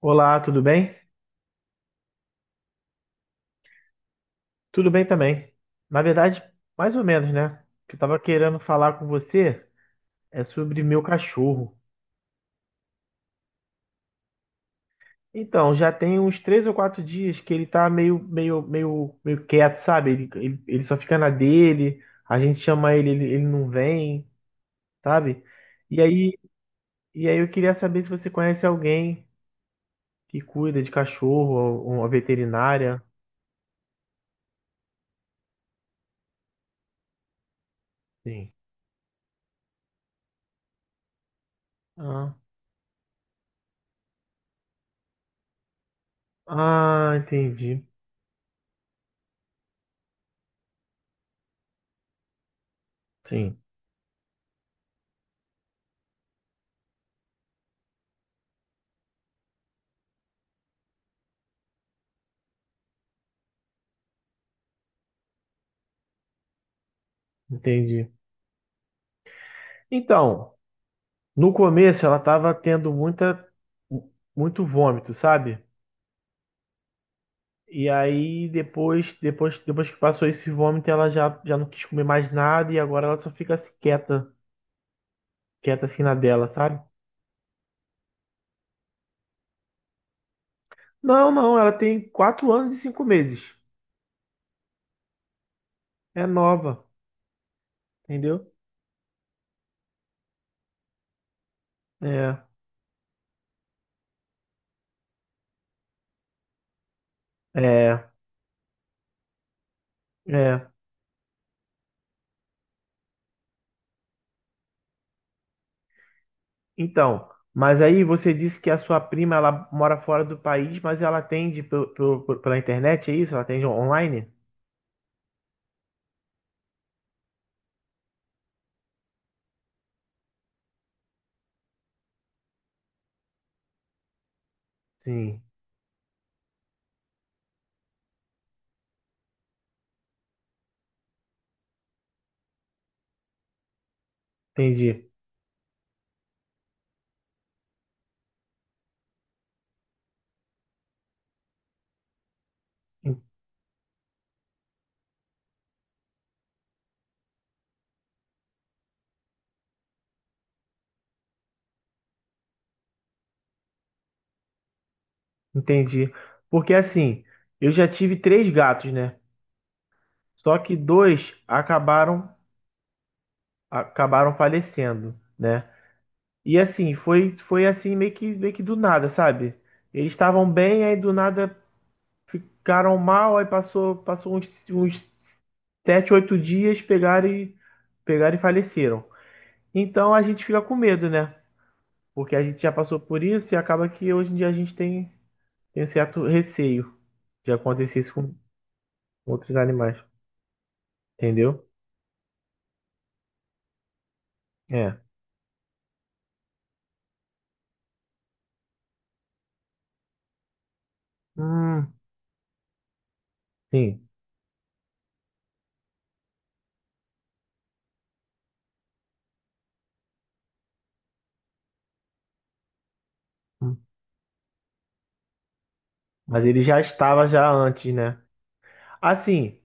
Olá, tudo bem? Tudo bem também. Na verdade, mais ou menos, né? O que eu tava querendo falar com você é sobre meu cachorro. Então, já tem uns 3 ou 4 dias que ele tá meio quieto, sabe? Ele só fica na dele, a gente chama ele, ele não vem, sabe? E aí, e aí eu queria saber se você conhece alguém que cuida de cachorro, ou uma veterinária. Sim. Ah, ah, entendi. Sim, entendi. Então. No começo ela tava tendo muita muito vômito, sabe? E aí depois que passou esse vômito, ela já não quis comer mais nada e agora ela só fica assim, quieta, quieta assim na dela, sabe? Não, não, ela tem 4 anos e 5 meses. É nova, entendeu? É, é, é. Então, mas aí você disse que a sua prima ela mora fora do país, mas ela atende pela internet, é isso? Ela atende online? Sim, entendi. Entendi. Porque assim, eu já tive 3 gatos, né? Só que dois acabaram falecendo, né? E assim, foi assim meio que do nada, sabe? Eles estavam bem, aí do nada ficaram mal, aí passou uns 7, 8 dias, pegaram e faleceram. Então a gente fica com medo, né? Porque a gente já passou por isso e acaba que hoje em dia a gente tem, tem um certo receio de acontecer isso com outros animais, entendeu? É. Hum, sim. Hum. Mas ele já estava já antes, né? Assim,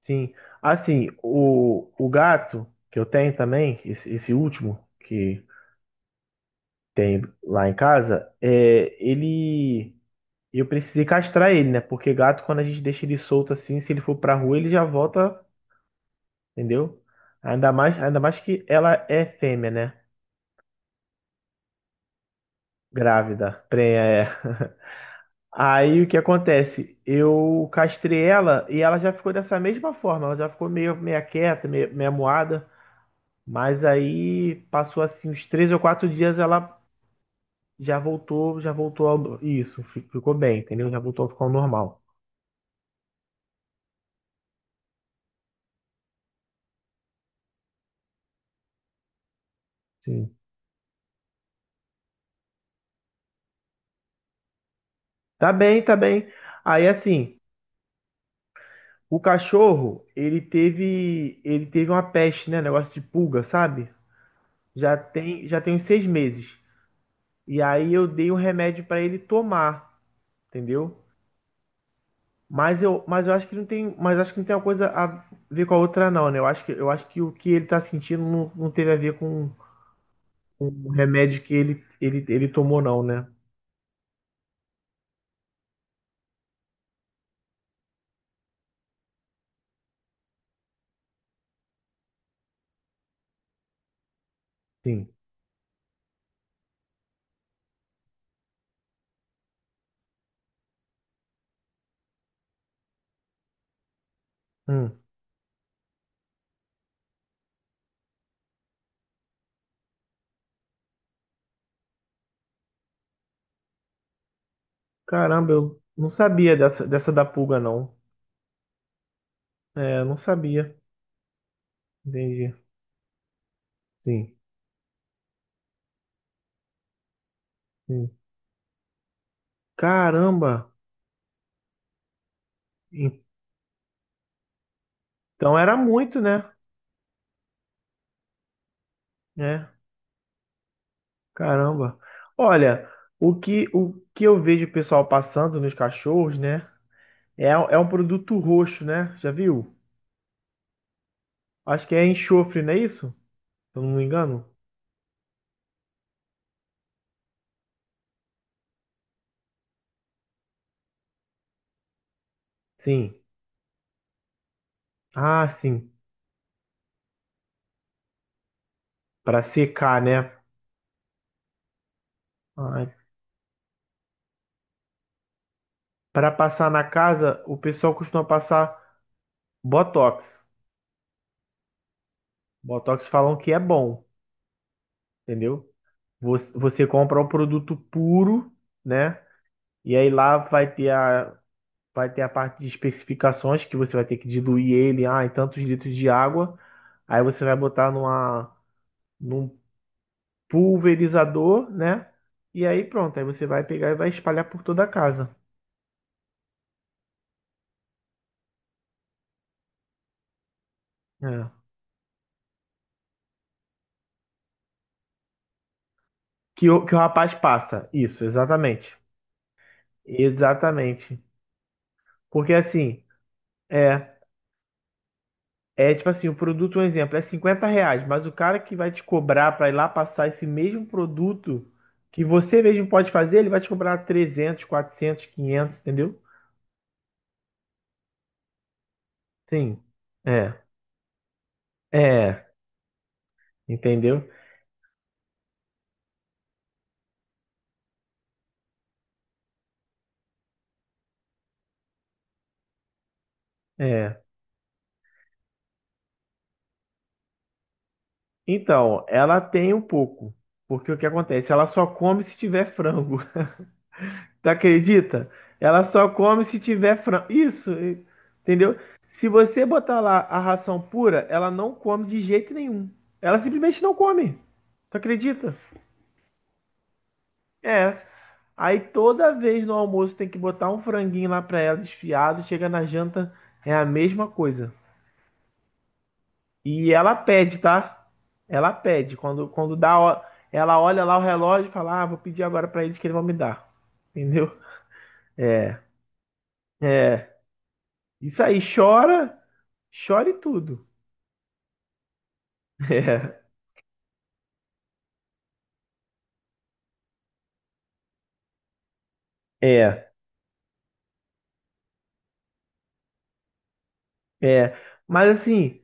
sim. Assim, o gato que eu tenho também, esse último que tem lá em casa, é, ele. Eu precisei castrar ele, né? Porque gato, quando a gente deixa ele solto assim, se ele for pra rua, ele já volta, entendeu? Ainda mais que ela é fêmea, né? Grávida, prenha, é. Aí o que acontece? Eu castrei ela e ela já ficou dessa mesma forma, ela já ficou meio meia quieta, meio, meia moada, mas aí passou assim uns 3 ou 4 dias ela já voltou, já voltou ao. Isso, ficou bem, entendeu? Já voltou a ficar ao normal. Sim. Tá bem, tá bem. Aí assim, o cachorro, ele teve uma peste, né, negócio de pulga, sabe? Já tem uns 6 meses. E aí eu dei um remédio pra ele tomar, entendeu? Mas eu acho que não tem, mas acho que não tem uma coisa a ver com a outra não, né? Eu acho que o que ele tá sentindo não, não teve a ver com o remédio que ele tomou não, né? Sim. Hum. Caramba, eu não sabia dessa da pulga não. É, eu não sabia. Entendi. Sim. Sim. Caramba. Então era muito, né? É. Caramba. Olha, o que eu vejo o pessoal passando nos cachorros, né? É, é um produto roxo, né? Já viu? Acho que é enxofre, não é isso? Se eu não me engano. Sim. Ah, sim. Para secar, né? Para passar na casa, o pessoal costuma passar Botox. Botox falam que é bom, entendeu? Você compra um produto puro, né? E aí lá vai ter vai ter a parte de especificações que você vai ter que diluir ele, em tantos litros de água. Aí você vai botar num pulverizador, né? E aí pronto, aí você vai pegar e vai espalhar por toda a casa. É. Que o rapaz passa. Isso, exatamente. Exatamente. Porque assim, é, é tipo assim, o produto, um exemplo, é R$ 50, mas o cara que vai te cobrar para ir lá passar esse mesmo produto que você mesmo pode fazer, ele vai te cobrar 300, 400, 500 entendeu? Sim. É. É. Entendeu? É. Então, ela tem um pouco. Porque o que acontece? Ela só come se tiver frango. Tu acredita? Ela só come se tiver frango. Isso, entendeu? Se você botar lá a ração pura, ela não come de jeito nenhum. Ela simplesmente não come. Tu acredita? É. Aí toda vez no almoço tem que botar um franguinho lá pra ela desfiado. Chega na janta, é a mesma coisa. E ela pede, tá? Ela pede. Quando dá, ela olha lá o relógio e fala: Ah, vou pedir agora pra eles que eles vão me dar. Entendeu? É, é. Isso aí, chora. Chore tudo. É, é, é. Mas assim,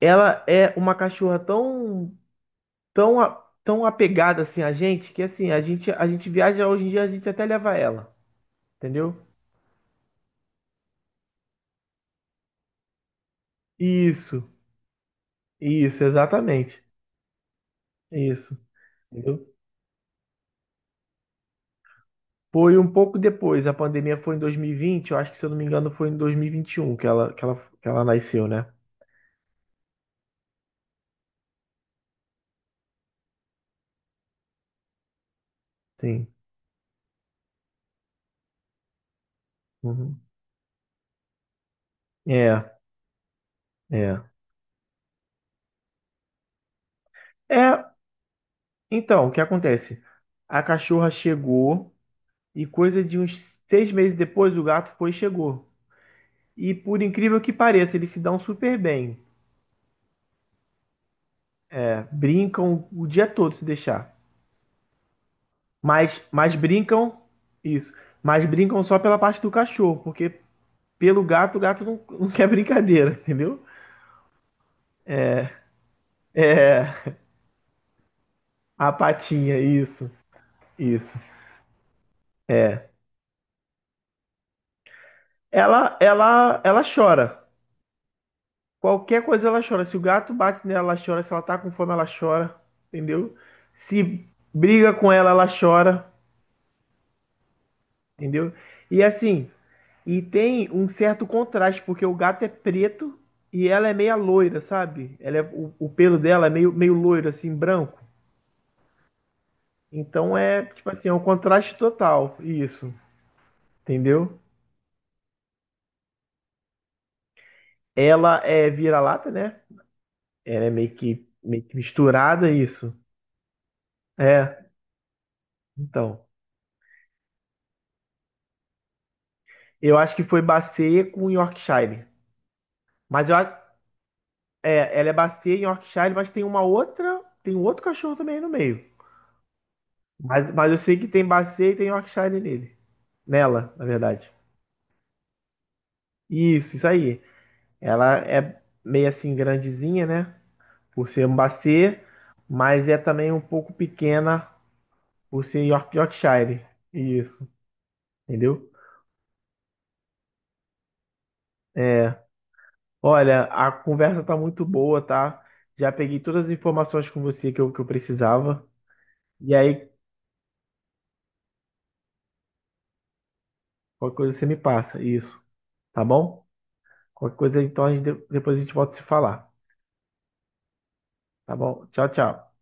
ela é uma cachorra tão, a- tão apegada assim a gente que assim a gente viaja hoje em dia a gente até leva ela, entendeu? Isso, isso, exatamente, isso, entendeu? Foi um pouco depois. A pandemia foi em 2020. Eu acho que se eu não me engano foi em 2021 que que ela nasceu, né? Sim. Uhum. É, é. É, então, o que acontece? A cachorra chegou. E coisa de uns 6 meses depois, o gato foi e chegou. E por incrível que pareça, eles se dão super bem. É, brincam o dia todo se deixar. Mas brincam, isso. Mas brincam só pela parte do cachorro, porque pelo gato, o gato não quer brincadeira, entendeu? A patinha, isso, isso. Ela chora. Qualquer coisa ela chora. Se o gato bate nela, ela chora. Se ela tá com fome, ela chora, entendeu? Se briga com ela, ela chora, entendeu? E assim, e tem um certo contraste, porque o gato é preto e ela é meia loira, sabe? Ela é, o pelo dela é meio, meio loiro, assim, branco. Então é, tipo assim, é um contraste total, isso, entendeu? Ela é vira-lata, né? Ela é meio que misturada, isso. É, então. Eu acho que foi Bacia com Yorkshire. Mas eu, a- é, ela é Bacia e Yorkshire, mas tem uma outra, tem um outro cachorro também aí no meio. Mas eu sei que tem Bacia e tem Yorkshire nele. Nela, na verdade. Isso aí. Ela é meio assim grandezinha, né? Por ser um Bassê, mas é também um pouco pequena por ser Yorkshire. Isso, entendeu? É. Olha, a conversa tá muito boa, tá? Já peguei todas as informações com você que que eu precisava. E aí, qualquer coisa você me passa, isso, tá bom? Qualquer coisa, então, depois a gente volta a se falar, tá bom? Tchau, tchau.